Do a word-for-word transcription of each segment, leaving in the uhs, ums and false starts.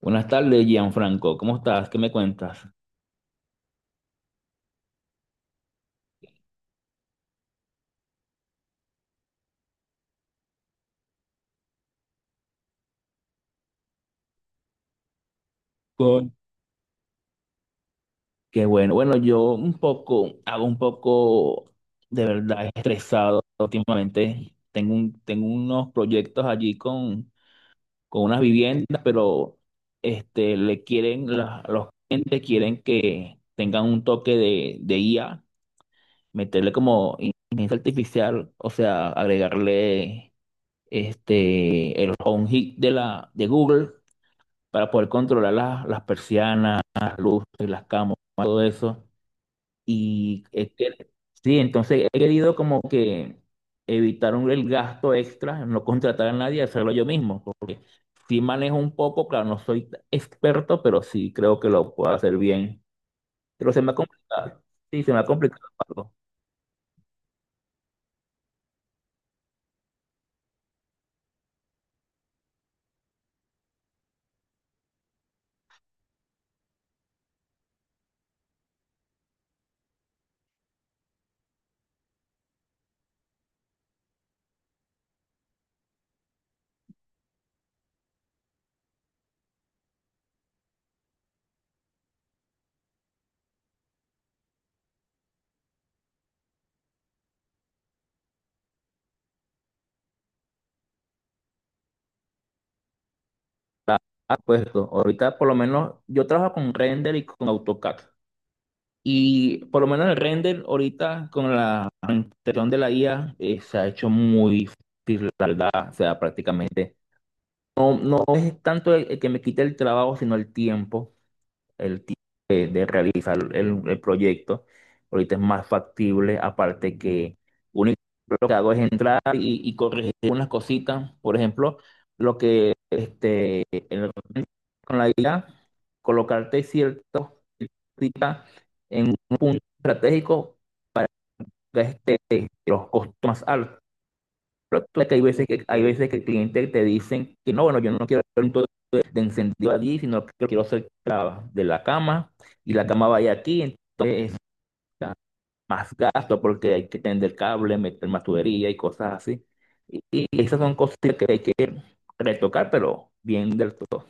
Buenas tardes, Gianfranco. ¿Cómo estás? ¿Qué me cuentas? Con- Qué bueno. Bueno, yo un poco, hago un poco de verdad estresado últimamente. Tengo un- tengo unos proyectos allí con, con unas viviendas, pero este, le quieren, la- los clientes quieren que tengan un toque de, de I A, meterle como inteligencia artificial, o sea, agregarle este, el home hit de la, de Google para poder controlar las, las persianas, las luces, las camas, todo eso. Y es que- sí, entonces he querido como que evitar un- el gasto extra, no contratar a nadie, hacerlo yo mismo. Sí manejo un poco, claro, no soy experto, pero sí creo que lo puedo hacer bien. Pero se me ha complicado. Sí, se me ha complicado algo. Ah, pues, ahorita por lo menos yo trabajo con render y con AutoCAD. Y por lo menos el render ahorita con la implementación de la I A eh, se ha hecho muy tardada, o sea, prácticamente. No, no es tanto el, el que me quite el trabajo, sino el tiempo el tiempo de, de realizar el, el proyecto. Ahorita es más factible, aparte que único lo que hago es entrar y, y corregir unas cositas. Por ejemplo, lo que este, el- con la idea, colocarte ciertos cositas en un punto estratégico que este, los costos más altos. Porque hay veces que, hay veces que el cliente te dicen que no, bueno, yo no quiero hacer un todo de, de encendido allí, sino que quiero hacer la- de la cama y la cama vaya aquí, entonces está más gasto porque hay que tender cable, meter más tubería y cosas así. Y, y esas son cosas que hay que retocar, pero bien del todo.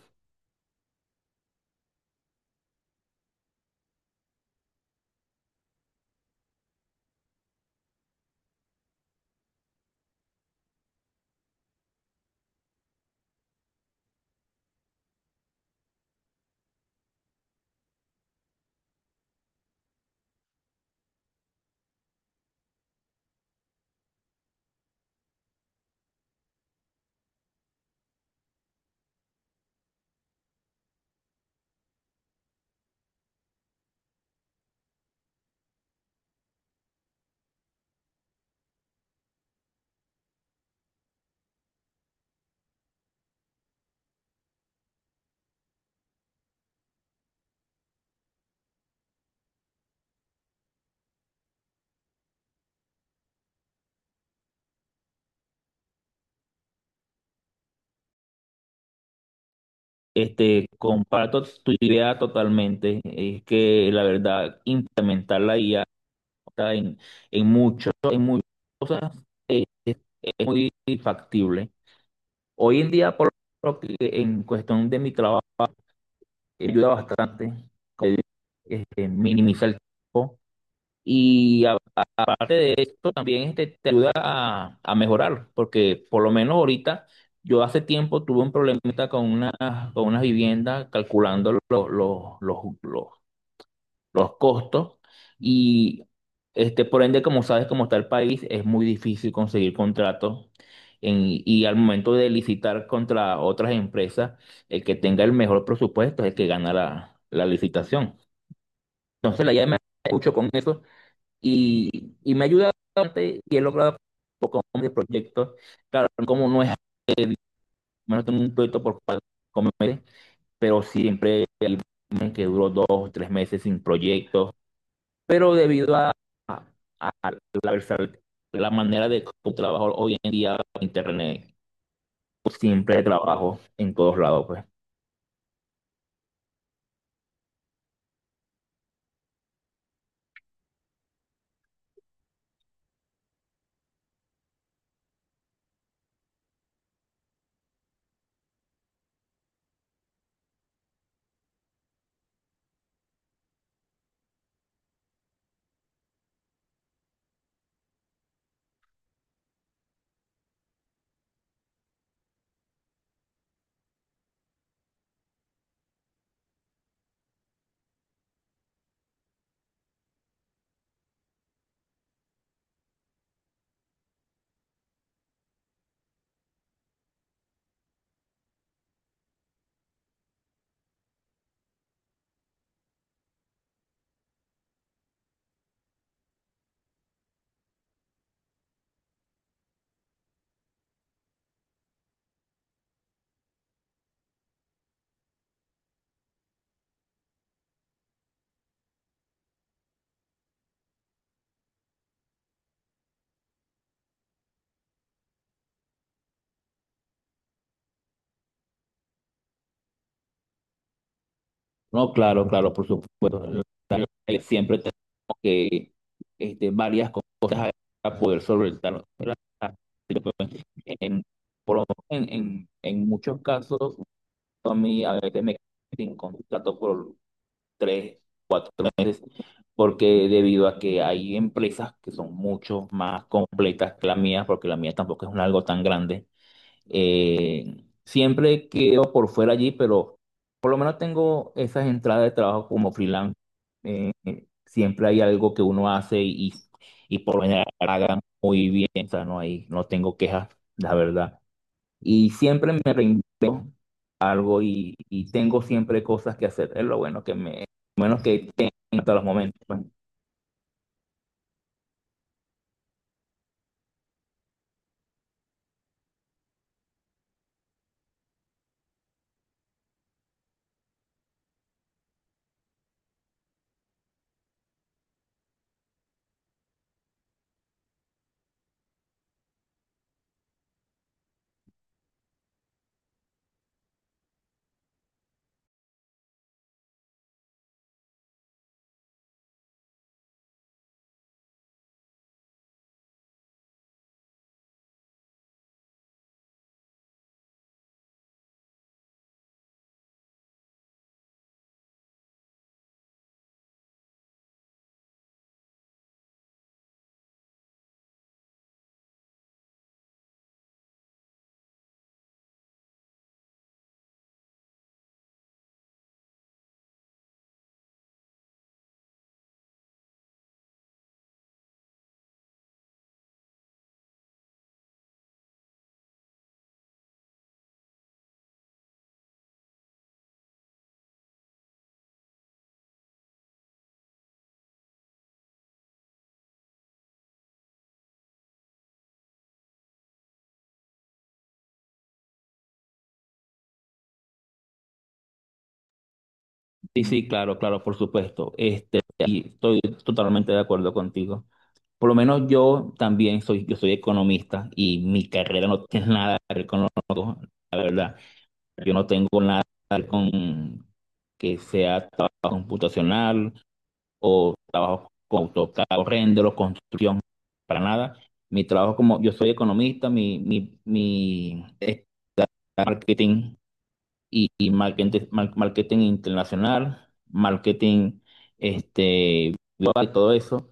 Este, comparto tu idea totalmente. Es que la verdad, implementar la I A en, en mucho- en muchas cosas, eh, es, es muy factible. Hoy en día, por lo que en cuestión de mi trabajo, me ayuda bastante, como digo, este, minimiza el tiempo. Y aparte de esto, también este, te ayuda a, a mejorar, porque por lo menos ahorita, yo hace tiempo tuve un problemita con una, con una vivienda calculando los, los, los, los costos y este, por ende, como sabes, como está el país, es muy difícil conseguir contratos en- y al momento de licitar contra otras empresas, el que tenga el mejor presupuesto es el que gana la, la licitación. Entonces, la idea me escucho con eso y, y me ha ayudado bastante y he logrado un poco de proyectos. Claro, como no es, no tengo un proyecto por cuatro meses, pero siempre hay meses que duró dos, tres meses sin proyectos pero debido a, a- a la, la manera de cómo trabajo hoy en día internet, pues, siempre trabajo en todos lados, pues. No, claro, claro, por supuesto. eh, Siempre tenemos que este, varias cosas para poder solventar. ¿Verdad? En, por lo menos en, en, en muchos casos, a mí a veces me quedo sin contrato por tres, porque debido a que hay empresas que son mucho más completas que la mía, porque la mía tampoco es un algo tan grande. Eh, siempre quedo por fuera allí, pero por lo menos tengo esas entradas de trabajo como freelance. Eh, eh, siempre hay algo que uno hace y, y por lo general haga muy bien, o sea, no hay, no tengo quejas, la verdad. Y siempre me reinvento algo y, y tengo siempre cosas que hacer. Es lo bueno que me, lo bueno que tengo hasta los momentos, pues. Sí, sí, claro, claro, por supuesto. Este, y estoy totalmente de acuerdo contigo. Por lo menos yo también soy, yo soy economista y mi carrera no tiene nada, ¿no? Yo no tengo nada con que sea trabajo computacional, trabajo con AutoCAD, render, construcción, para nada. Mi trabajo como, yo soy economista, mi, mi, mi es marketing y, y marketing, mar- marketing internacional, marketing, este, global, todo eso.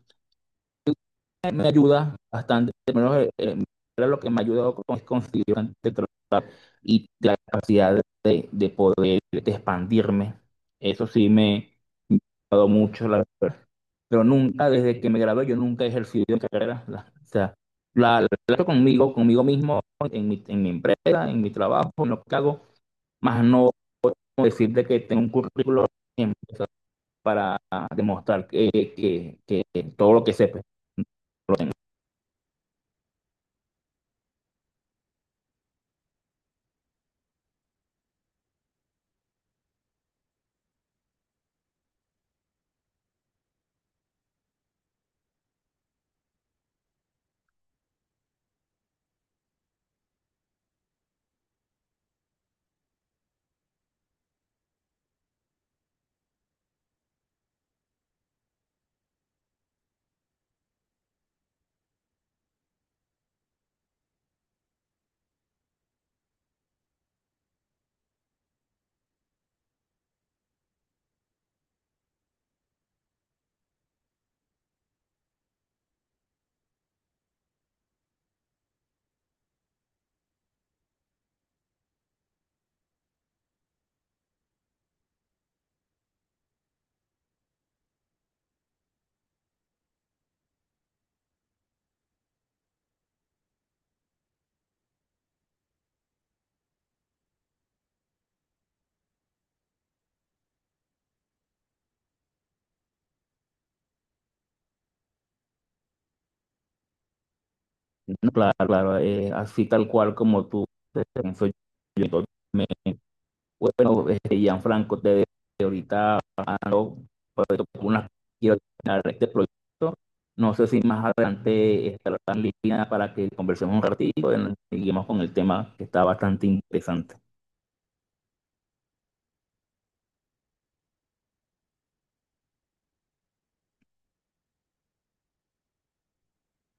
Me ayuda bastante, menos eh, eh, era lo que me ha ayudado con, es conseguir bastante trabajo y la capacidad de, de poder de expandirme. Eso sí me me ha ayudado mucho, la verdad. Pero nunca, desde que me gradué, yo nunca he ejercido mi carrera. La- o sea, la la trato conmigo, conmigo mismo, en mi, en mi empresa, en mi trabajo, en lo que hago, más no decirte que tengo un currículo en- para demostrar que, que, que todo lo que sepa. No, claro, claro, eh, así tal cual como tú, te pienso yo totalmente. Bueno, este, Gianfranco, te dejo que ahorita ando por unas- quiero terminar este proyecto. No sé si más adelante estará en línea para que conversemos un ratito y seguimos con el tema que está bastante interesante.